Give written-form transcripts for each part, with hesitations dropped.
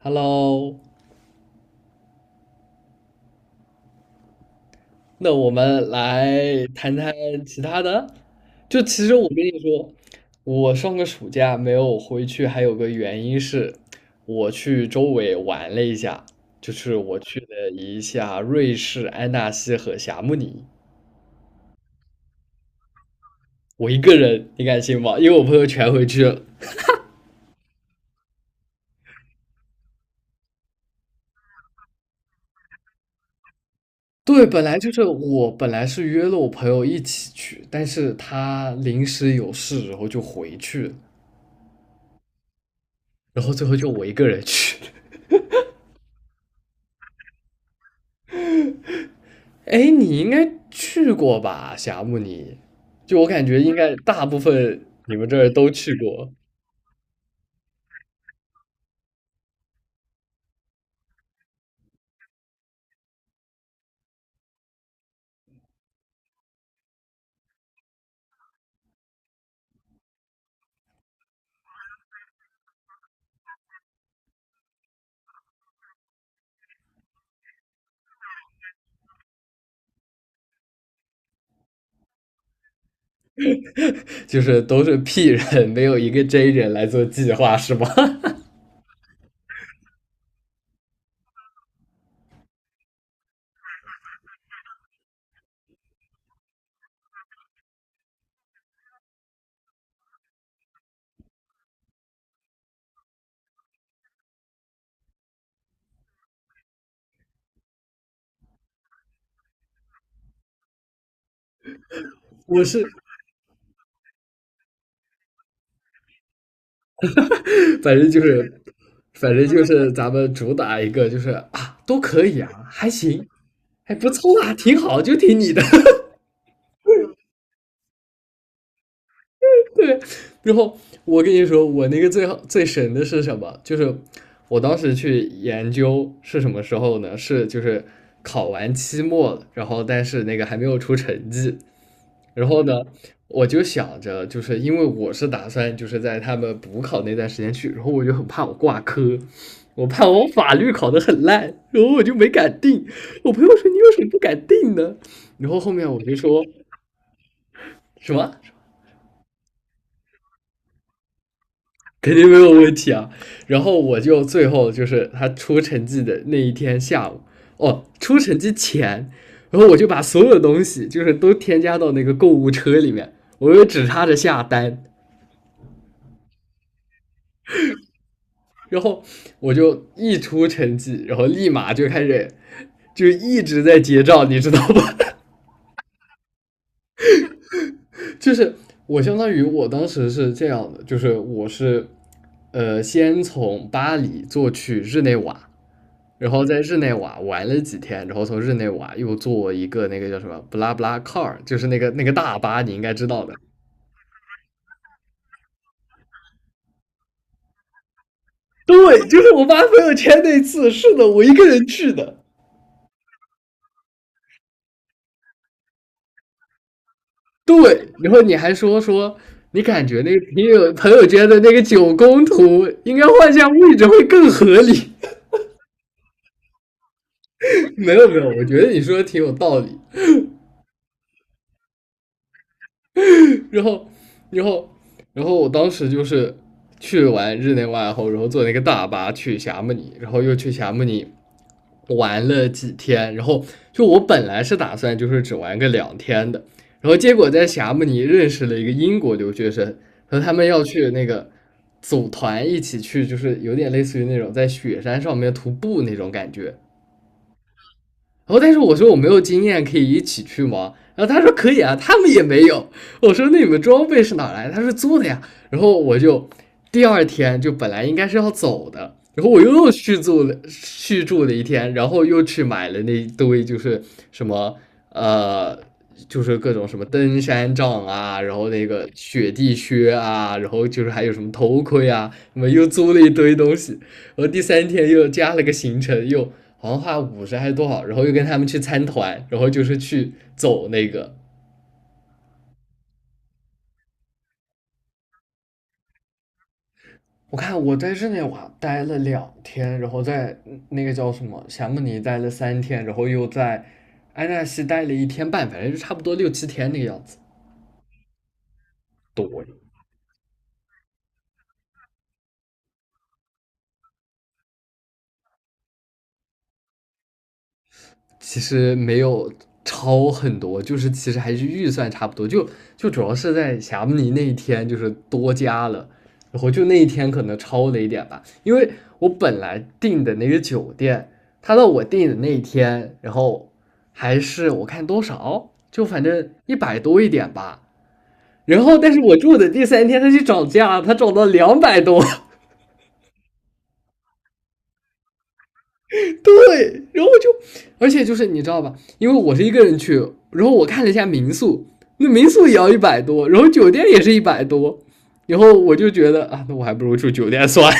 Hello，那我们来谈谈其他的。其实我跟你说，我上个暑假没有回去，还有个原因是，我去周围玩了一下，就是我去了一下瑞士安纳西和霞慕尼。我一个人，你敢信吗？因为我朋友全回去了。对，本来是约了我朋友一起去，但是他临时有事，然后就回去了，然后最后就我一个人去。哎，你应该去过吧，霞木？尼？就我感觉，应该大部分你们这儿都去过，就是都是 P 人，没有一个 J 人来做计划，是吗？我是，反正就是，反正就是咱们主打一个，就是啊，都可以啊，还行，还不错啊，挺好，就听你的。对，然后我跟你说，我那个最好最神的是什么？就是我当时去研究是什么时候呢？是就是考完期末了，然后但是那个还没有出成绩，然后呢，我就想着，就是因为我是打算就是在他们补考那段时间去，然后我就很怕我挂科。我怕我法律考得很烂，然后我就没敢定。我朋友说："你为什么不敢定呢？"然后后面我就说什么？肯定没有问题啊。然后我就最后就是他出成绩的那一天下午，哦，出成绩前，然后我就把所有东西就是都添加到那个购物车里面，我就只差着下单。然后我就一出成绩，然后立马就开始就一直在结账，你知道吧？就是我相当于我当时是这样的，就是我是先从巴黎坐去日内瓦，然后在日内瓦玩了几天，然后从日内瓦又坐一个那个叫什么布拉布拉 car，就是那个大巴，你应该知道的。对，就是我发朋友圈那次，是的，我一个人去的。对，然后你还说，说，你感觉那个你有朋友圈的那个九宫图应该换下位置会更合理。没有没有，我觉得你说的挺有道理。然后，然后，然后我当时就是去完日内瓦后，然后坐那个大巴去霞慕尼，然后又去霞慕尼玩了几天，然后就我本来是打算就是只玩个两天的，然后结果在霞慕尼认识了一个英国留学生，和他们要去那个组团一起去，就是有点类似于那种在雪山上面徒步那种感觉。然后但是我说我没有经验，可以一起去吗？然后他说可以啊，他们也没有。我说那你们装备是哪来？他说租的呀。然后我就第二天就本来应该是要走的，然后我又续住了一天，然后又去买了那一堆就是什么呃。就是各种什么登山杖啊，然后那个雪地靴啊，然后就是还有什么头盔啊，什么又租了一堆东西。然后第三天又加了个行程，又好像花五十还是多少，然后又跟他们去参团，然后就是去走那个。我看我在日内瓦待了两天，然后在那个叫什么霞慕尼待了三天，然后又在安纳西待了一天半，反正就差不多六七天那个样子。其实没有超很多，就是其实还是预算差不多，就主要是在霞慕尼那一天就是多加了，然后就那一天可能超了一点吧，因为我本来订的那个酒店，他到我订的那一天，然后还是我看多少，就反正一百多一点吧，然后但是我住的第三天他去涨价，他涨到200多。对，然后，就，而且就是你知道吧，因为我是一个人去，然后我看了一下民宿，那民宿也要一百多，然后酒店也是一百多，然后我就觉得啊，那我还不如住酒店算。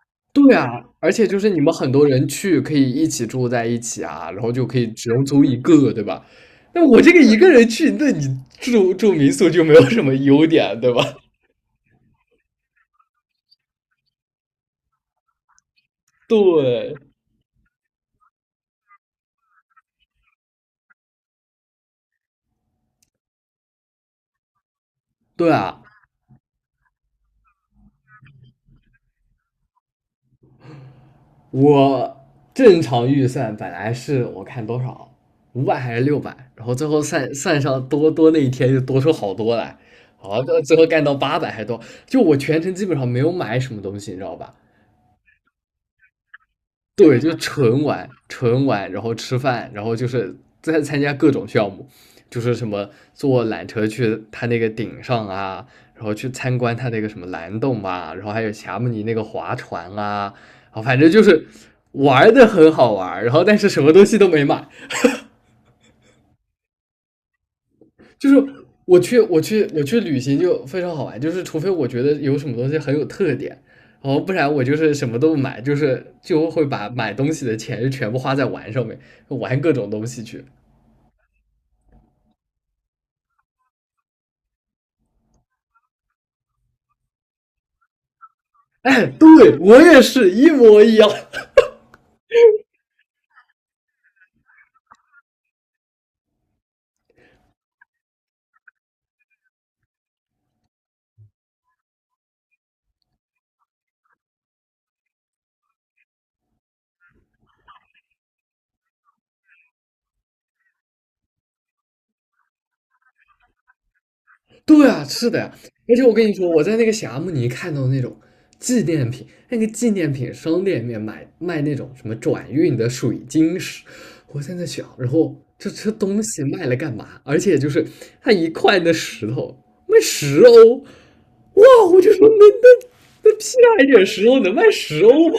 对啊，而且就是你们很多人去可以一起住在一起啊，然后就可以只用租一个，对吧？那我这个一个人去，那你住民宿就没有什么优点，对吧？对，对啊，我正常预算本来是我看多少，500还是600，然后最后算算上多那一天就多出好多来，好，最后干到800还多，就我全程基本上没有买什么东西，你知道吧？对，就纯玩，纯玩，然后吃饭，然后就是在参加各种项目，就是什么坐缆车去他那个顶上啊，然后去参观他那个什么蓝洞啊，然后还有霞慕尼那个划船啊，啊，反正就是玩的很好玩儿，然后但是什么东西都没买。就是我去旅行就非常好玩，就是除非我觉得有什么东西很有特点，然后不然我就是什么都不买，就会把买东西的钱全部花在玩上面，玩各种东西去。哎，对，我也是一模一样。对啊，是的呀。而且我跟你说，我在那个霞慕尼看到那种纪念品，那个纪念品商店里面买卖那种什么转运的水晶石，我现在想，然后这东西卖了干嘛？而且就是它一块的石头卖十欧，哇！我就说那批发一点石头能卖十欧吗？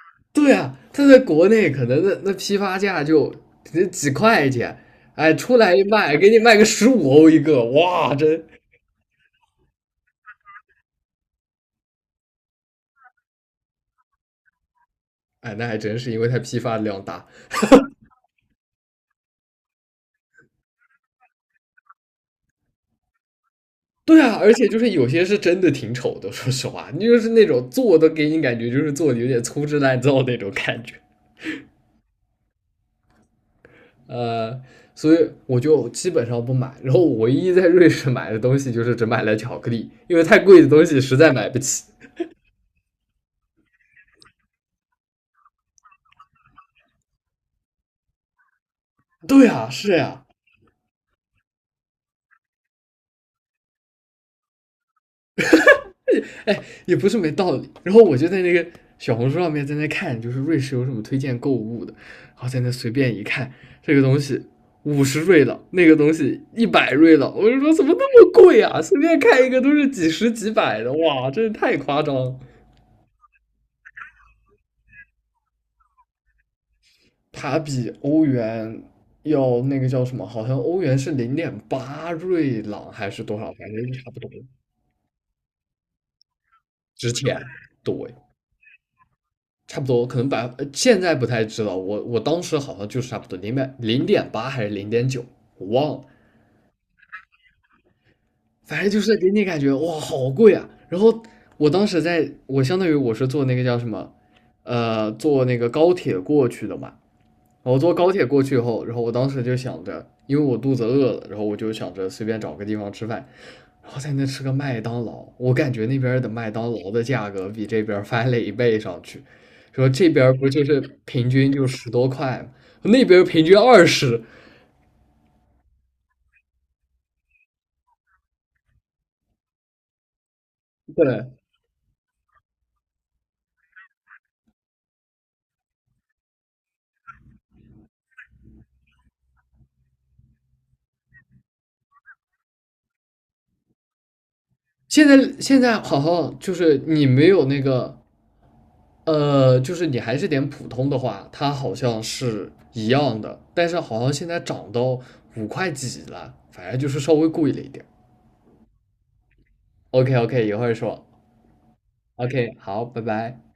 对啊，它在国内可能那批发价就几块钱，哎，出来一卖给你卖个15欧一个，哇，真。哎，那还真是因为它批发的量大。对啊，而且就是有些是真的挺丑的，说实话，你就是那种做的给你感觉就是做的有点粗制滥造那种感觉。呃，所以我就基本上不买。然后我唯一在瑞士买的东西就是只买了巧克力，因为太贵的东西实在买不起。对啊，是呀。哎，也不是没道理。然后我就在那个小红书上面在那看，就是瑞士有什么推荐购物的，然后在那随便一看，这个东西50瑞郎，那个东西100瑞郎，我就说怎么那么贵啊？随便看一个都是几十几百的，哇，真是太夸张了。它比欧元要那个叫什么？好像欧元是零点八瑞郎还是多少？反正差不多值钱。对，差不多，可能现在不太知道，我我当时好像就是差不多零点八还是0.9，我忘了，反正就是给你感觉哇好贵啊。然后我当时在我相当于我是坐那个叫什么，坐那个高铁过去的嘛。我坐高铁过去以后，然后我当时就想着，因为我肚子饿了，然后我就想着随便找个地方吃饭。然后在那吃个麦当劳，我感觉那边的麦当劳的价格比这边翻了一倍上去。说这边不就是平均就10多块吗？那边平均20。对，现在好像就是你没有那个，就是你还是点普通的话，它好像是一样的，但是好像现在涨到五块几了，反正就是稍微贵了一点。 OK OK，一会儿说。OK，好，拜拜。